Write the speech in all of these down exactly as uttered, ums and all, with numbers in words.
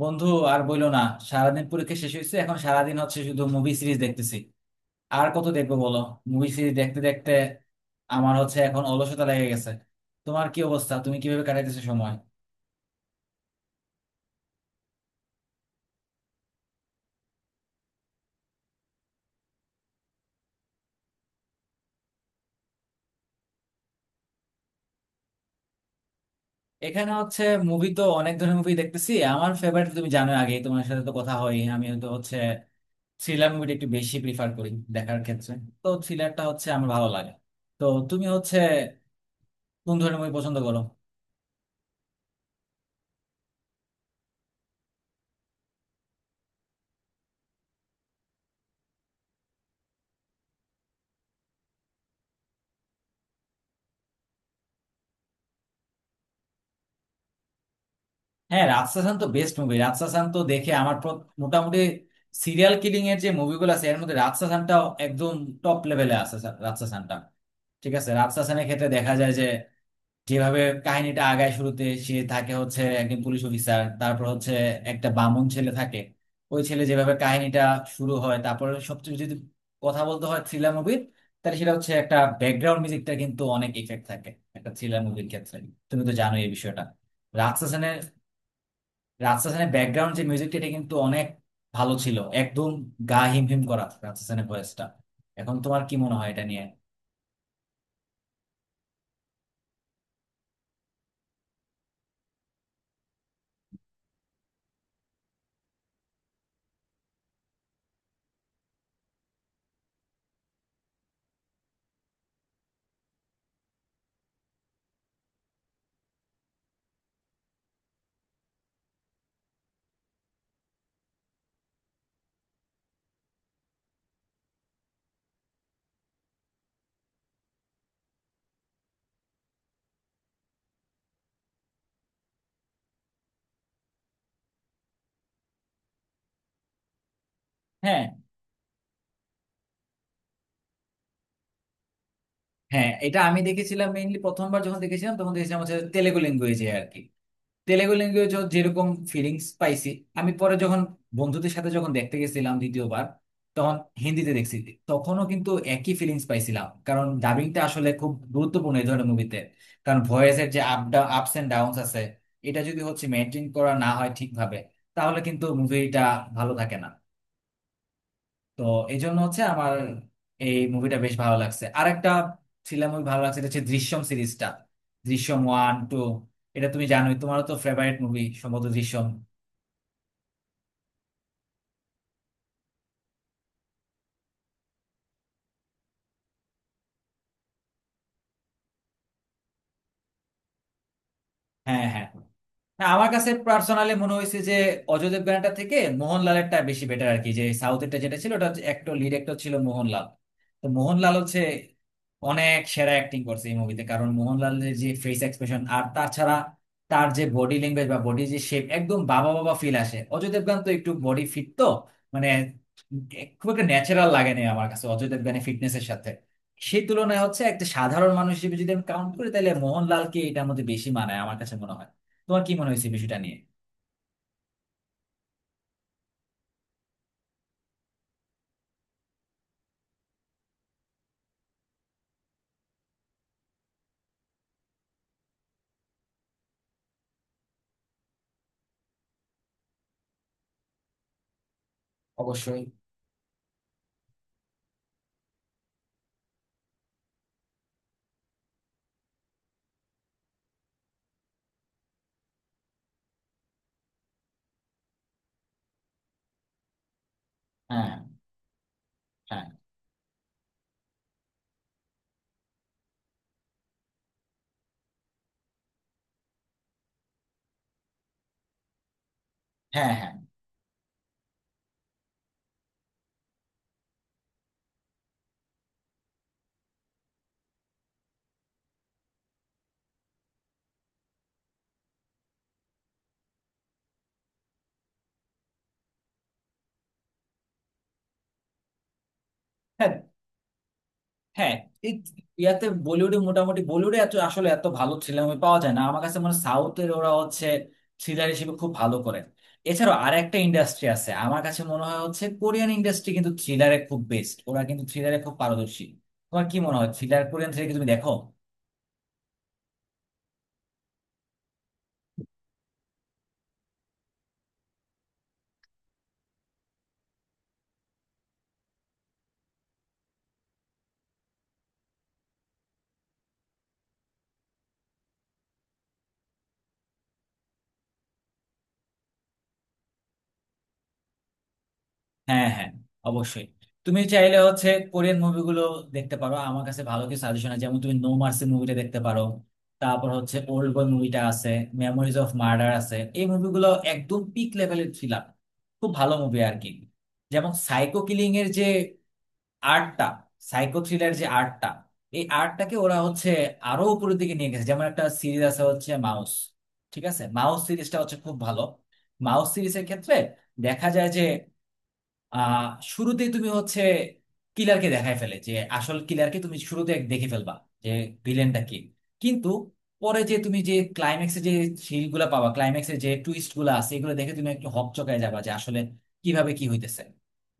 বন্ধু, আর বইলো না। সারাদিন পরীক্ষা শেষ হয়েছে, এখন সারাদিন হচ্ছে শুধু মুভি সিরিজ দেখতেছি। আর কত দেখবো বলো, মুভি সিরিজ দেখতে দেখতে আমার হচ্ছে এখন অলসতা লেগে গেছে। তোমার কি অবস্থা, তুমি কিভাবে কাটাইতেছো সময়? এখানে হচ্ছে মুভি তো অনেক ধরনের মুভি দেখতেছি। আমার ফেভারিট তুমি জানো, আগে তোমার সাথে তো কথা হয়, আমি তো হচ্ছে থ্রিলার মুভিটা একটু বেশি প্রিফার করি দেখার ক্ষেত্রে। তো থ্রিলারটা হচ্ছে আমার ভালো লাগে। তো তুমি হচ্ছে কোন ধরনের মুভি পছন্দ করো? হ্যাঁ, রাজশাসন তো বেস্ট মুভি। রাজশাসন তো দেখে আমার প্র- মোটামুটি সিরিয়াল কিলিং এর যে মুভিগুলো আছে এর মধ্যে রাজশাসনটা একদম টপ লেভেলে আছে। সা- রাজশাসনটা ঠিক আছে। রাজশাসনের ক্ষেত্রে দেখা যায় যে যেভাবে কাহিনীটা আগায়, শুরুতে সে থাকে হচ্ছে একজন পুলিশ অফিসার, তারপর হচ্ছে একটা বামুন ছেলে থাকে। ওই ছেলে যেভাবে কাহিনীটা শুরু হয়, তারপরে সবচেয়ে যদি কথা বলতে হয় থ্রিলার মুভির, তাহলে সেটা হচ্ছে একটা ব্যাকগ্রাউন্ড মিউজিকটা কিন্তু অনেক ইফেক্ট থাকে একটা থ্রিলার মুভির ক্ষেত্রে। তুমি তো জানো এই বিষয়টা, রাজশাসনের। রাজশাসনের ব্যাকগ্রাউন্ড যে মিউজিকটা, এটা কিন্তু অনেক ভালো ছিল। একদম গা হিমহিম করা রাজশাসনের ভয়েসটা। এখন তোমার কি মনে হয় এটা নিয়ে? হ্যাঁ, হ্যাঁ, এটা আমি দেখেছিলাম। মেইনলি প্রথমবার যখন দেখেছিলাম তখন দেখেছিলাম হচ্ছে তেলেগু ল্যাঙ্গুয়েজে আর কি। তেলেগু ল্যাঙ্গুয়েজ যেরকম ফিলিংস পাইছি, আমি পরে যখন বন্ধুদের সাথে যখন দেখতে গেছিলাম দ্বিতীয়বার, তখন হিন্দিতে দেখছি। তখনও কিন্তু একই ফিলিংস পাইছিলাম, কারণ ডাবিংটা আসলে খুব গুরুত্বপূর্ণ এই ধরনের মুভিতে। কারণ ভয়েসের যে up down, ups and downs আছে, এটা যদি হচ্ছে মেনটেন করা না হয় ঠিকভাবে, তাহলে কিন্তু মুভিটা ভালো থাকে না। তো এই জন্য হচ্ছে আমার এই মুভিটা বেশ ভালো লাগছে। আর একটা থ্রিলার মুভি ভালো লাগছে, এটা হচ্ছে দৃশ্যম সিরিজটা, দৃশ্যম ওয়ান টু। এটা তুমি জানোই, তোমারও তো ফেভারিট মুভি সম্ভবত দৃশ্যম। হ্যাঁ, হ্যাঁ। হ্যাঁ, আমার কাছে পার্সোনালি মনে হয়েছে যে অজয় দেবগানটা থেকে মোহনলালেরটা বেশি বেটার আর কি। যে সাউথেরটা যেটা ছিল, ওটা হচ্ছে একটা লিড অ্যাক্টর ছিল মোহনলাল। তো মোহনলাল হচ্ছে অনেক সেরা অ্যাক্টিং করছে এই মুভিতে, কারণ মোহনলালের যে ফেস এক্সপ্রেশন, আর তাছাড়া তার যে বডি ল্যাঙ্গুয়েজ বা বডি যে শেপ, একদম বাবা বাবা ফিল আসে। অজয় দেবগান তো একটু বডি ফিট তো, মানে খুব একটা ন্যাচারাল লাগে না আমার কাছে অজয় দেবগানের ফিটনেসের সাথে। সেই তুলনায় হচ্ছে একটা সাধারণ মানুষ হিসেবে যদি আমি কাউন্ট করি, তাহলে মোহনলালকে এটার মধ্যে বেশি মানায় আমার কাছে মনে হয়। তোমার কি মনে হয়েছে বিষয়টা নিয়ে? অবশ্যই। হ্যাঁ, হ্যাঁ, হ্যাঁ, হ্যাঁ, হ্যাঁ, হ্যাঁ। এই ইয়াতে বলিউডে মোটামুটি, বলিউডে এত আসলে এত ভালো থ্রিলার মুভি পাওয়া যায় না আমার কাছে মনে হয়। সাউথের ওরা হচ্ছে থ্রিলার হিসেবে খুব ভালো করে। এছাড়াও আরেকটা ইন্ডাস্ট্রি আছে আমার কাছে মনে হয় হচ্ছে কোরিয়ান ইন্ডাস্ট্রি, কিন্তু থ্রিলারে খুব বেস্ট ওরা, কিন্তু থ্রিলারে খুব পারদর্শী। তোমার কি মনে হয় থ্রিলার, কোরিয়ান থ্রিলার কি তুমি দেখো? হ্যাঁ, হ্যাঁ, অবশ্যই। তুমি চাইলে হচ্ছে কোরিয়ান মুভিগুলো দেখতে পারো। আমার কাছে ভালো কিছু সাজেশন আছে, যেমন তুমি নো মার্সি মুভিটা দেখতে পারো, তারপর হচ্ছে ওল্ড বয় মুভিটা আছে, মেমোরিজ অফ মার্ডার আছে। এই মুভিগুলো একদম পিক লেভেলের থ্রিলার, খুব ভালো মুভি আর কি। যেমন সাইকো কিলিং এর যে আর্টটা, সাইকো থ্রিলার যে আর্টটা, এই আর্টটাকে ওরা হচ্ছে আরো উপরের দিকে নিয়ে গেছে। যেমন একটা সিরিজ আছে হচ্ছে মাউস। ঠিক আছে, মাউস সিরিজটা হচ্ছে খুব ভালো। মাউস সিরিজের ক্ষেত্রে দেখা যায় যে আহ শুরুতেই তুমি হচ্ছে কিলারকে দেখায় ফেলে, যে আসল কিলারকে তুমি শুরুতে এক দেখে ফেলবা, যে ভিলেনটা কি। কিন্তু পরে যে তুমি যে ক্লাইম্যাক্সে যে সিলগুলা পাবা, ক্লাইম্যাক্সে যে টুইস্ট গুলা আছে, এগুলো দেখে তুমি একটু হকচকায় যাবা যে আসলে কিভাবে কি হইতেছে।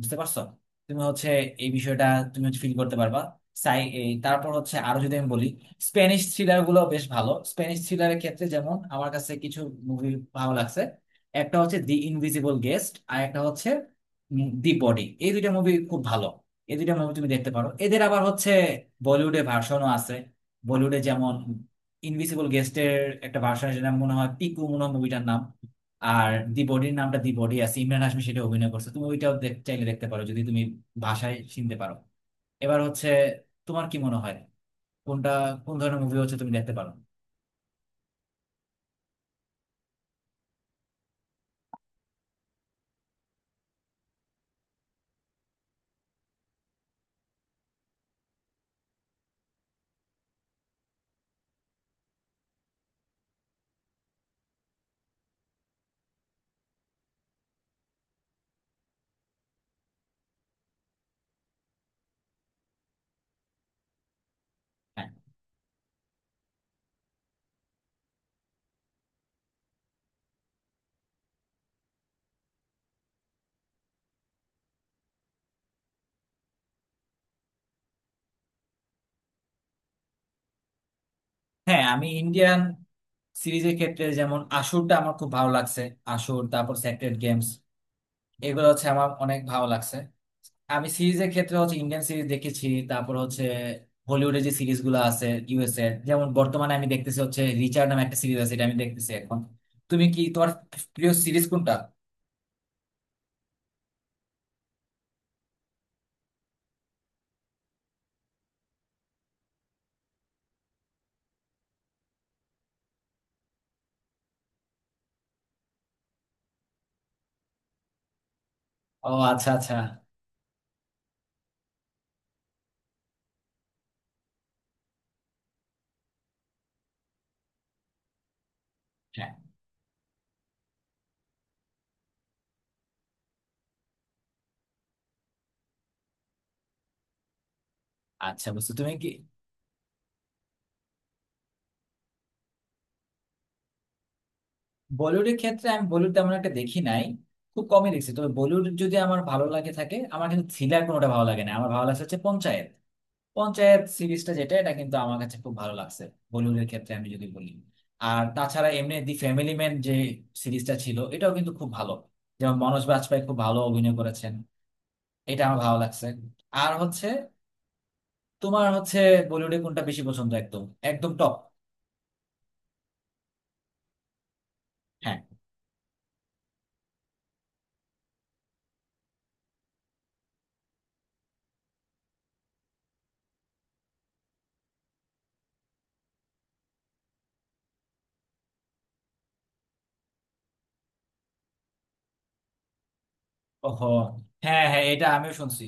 বুঝতে পারছো তুমি হচ্ছে এই বিষয়টা, তুমি হচ্ছে ফিল করতে পারবা। সাই এই তারপর হচ্ছে আরো যদি আমি বলি, স্প্যানিশ থ্রিলার গুলো বেশ ভালো। স্প্যানিশ থ্রিলারের ক্ষেত্রে যেমন আমার কাছে কিছু মুভি ভালো লাগছে। একটা হচ্ছে দি ইনভিজিবল গেস্ট, আর একটা হচ্ছে দি বডি। এই দুইটা মুভি খুব ভালো, এই দুইটা মুভি তুমি দেখতে পারো। এদের আবার হচ্ছে বলিউডে ভার্সনও আছে। বলিউডে যেমন ইনভিসিবল গেস্টের একটা ভার্সন আছে, যেটা মনে হয় পিকু মনে হয় মুভিটার নাম। আর দি বডির নামটা দি বডি আছে, ইমরান হাশমি সেটা অভিনয় করছে, তুমি ওইটাও দেখ- চাইলে দেখতে পারো যদি তুমি ভাষায় চিনতে পারো। এবার হচ্ছে তোমার কি মনে হয় কোনটা, কোন ধরনের মুভি হচ্ছে তুমি দেখতে পারো? হ্যাঁ, হ্যাঁ, আমি ইন্ডিয়ান সিরিজের ক্ষেত্রে যেমন আসুরটা আমার খুব ভালো লাগছে, আসুর, তারপর সেক্রেড গেমস, এগুলো হচ্ছে আমার অনেক ভালো লাগছে। আমি সিরিজের ক্ষেত্রে হচ্ছে ইন্ডিয়ান সিরিজ দেখেছি, তারপর হচ্ছে হলিউডের যে সিরিজ গুলো আছে ইউএস এর, যেমন বর্তমানে আমি দেখতেছি হচ্ছে রিচার্ড নামে একটা সিরিজ আছে, এটা আমি দেখতেছি এখন। তুমি কি, তোমার প্রিয় সিরিজ কোনটা? ও, আচ্ছা আচ্ছা। হ্যাঁ। আচ্ছা, বুঝছো তুমি কি? বলিউডের ক্ষেত্রে আমি বলিউড তেমন একটা দেখি নাই, খুব কমই দেখছি। তবে বলিউড যদি আমার ভালো লাগে থাকে, আমার কিন্তু থ্রিলার কোনোটা ভালো লাগে না। আমার ভালো লাগছে হচ্ছে পঞ্চায়েত, পঞ্চায়েত সিরিজটা যেটা, এটা কিন্তু আমার কাছে খুব ভালো লাগছে বলিউডের ক্ষেত্রে আমি যদি বলি। আর তাছাড়া এমনি দি ফ্যামিলি ম্যান যে সিরিজটা ছিল, এটাও কিন্তু খুব ভালো। যেমন মনোজ বাজপেয়ী খুব ভালো অভিনয় করেছেন, এটা আমার ভালো লাগছে। আর হচ্ছে তোমার হচ্ছে বলিউডে কোনটা বেশি পছন্দ, একদম একদম টপ? হ্যাঁ। ওহো। হ্যাঁ, হ্যাঁ, এটা আমিও শুনছি।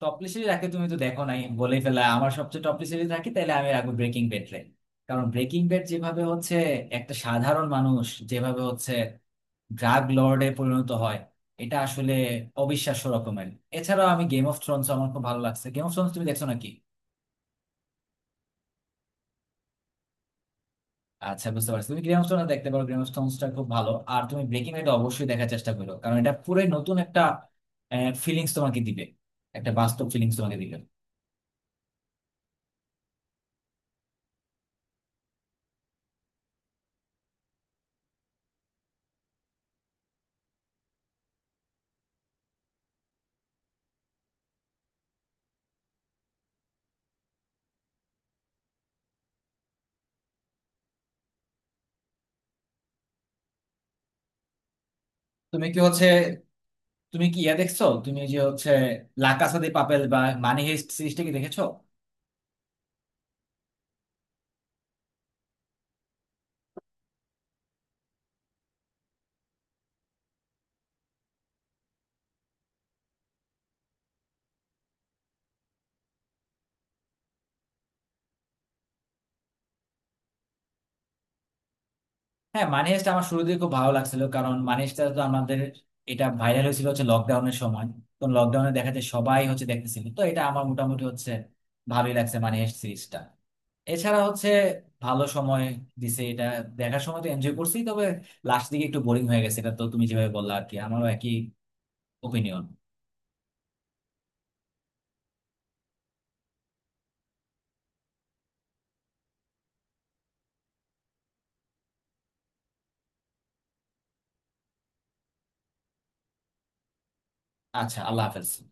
টপলি সিরিজ রাখে, তুমি তো দেখো নাই বলেই ফেলা, আমার সবচেয়ে টপলি সিরিজ রাখি তাহলে আমি রাখবো ব্রেকিং ব্যাড রে। কারণ ব্রেকিং ব্যাড যেভাবে হচ্ছে একটা সাধারণ মানুষ যেভাবে হচ্ছে ড্রাগ লর্ডে পরিণত হয়, এটা আসলে অবিশ্বাস্য রকমের। এছাড়াও আমি গেম অফ থ্রোনস আমার খুব ভালো লাগছে। গেম অফ থ্রোনস তুমি দেখছো নাকি? আচ্ছা, বুঝতে পারছি। তুমি গেম অফ থ্রোনস দেখতে পারো, গেম অফ থ্রোনসটা খুব ভালো। আর তুমি ব্রেকিং ব্যাড অবশ্যই দেখার চেষ্টা করো, কারণ এটা পুরো নতুন একটা ফিলিংস তোমাকে দিবে, একটা বাস্তব ফিলিংস তোমাকে দিবে। তুমি কি হচ্ছে, তুমি কি ইয়া দেখছো, তুমি যে হচ্ছে লা কাসা দে পাপেল বা মানি হেস্ট সিরিজটা কি দেখেছো? হ্যাঁ, মানি হাইস্ট আমার শুরু থেকে খুব ভালো লাগছিল, কারণ মানি হাইস্টটা তো আমাদের এটা ভাইরাল হয়েছিল হচ্ছে লকডাউনের সময়। তো লকডাউনে দেখা যায় সবাই হচ্ছে দেখতেছিল, তো এটা আমার মোটামুটি হচ্ছে ভালোই লাগছে মানি হাইস্ট সিরিজটা। এছাড়া হচ্ছে ভালো সময় দিছে এটা, দেখার সময় তো এনজয় করছি। তবে লাস্ট দিকে একটু বোরিং হয়ে গেছে, এটা তো তুমি যেভাবে বললা আর কি, আমারও একই ওপিনিয়ন। আচ্ছা, আল্লাহ হাফেজ।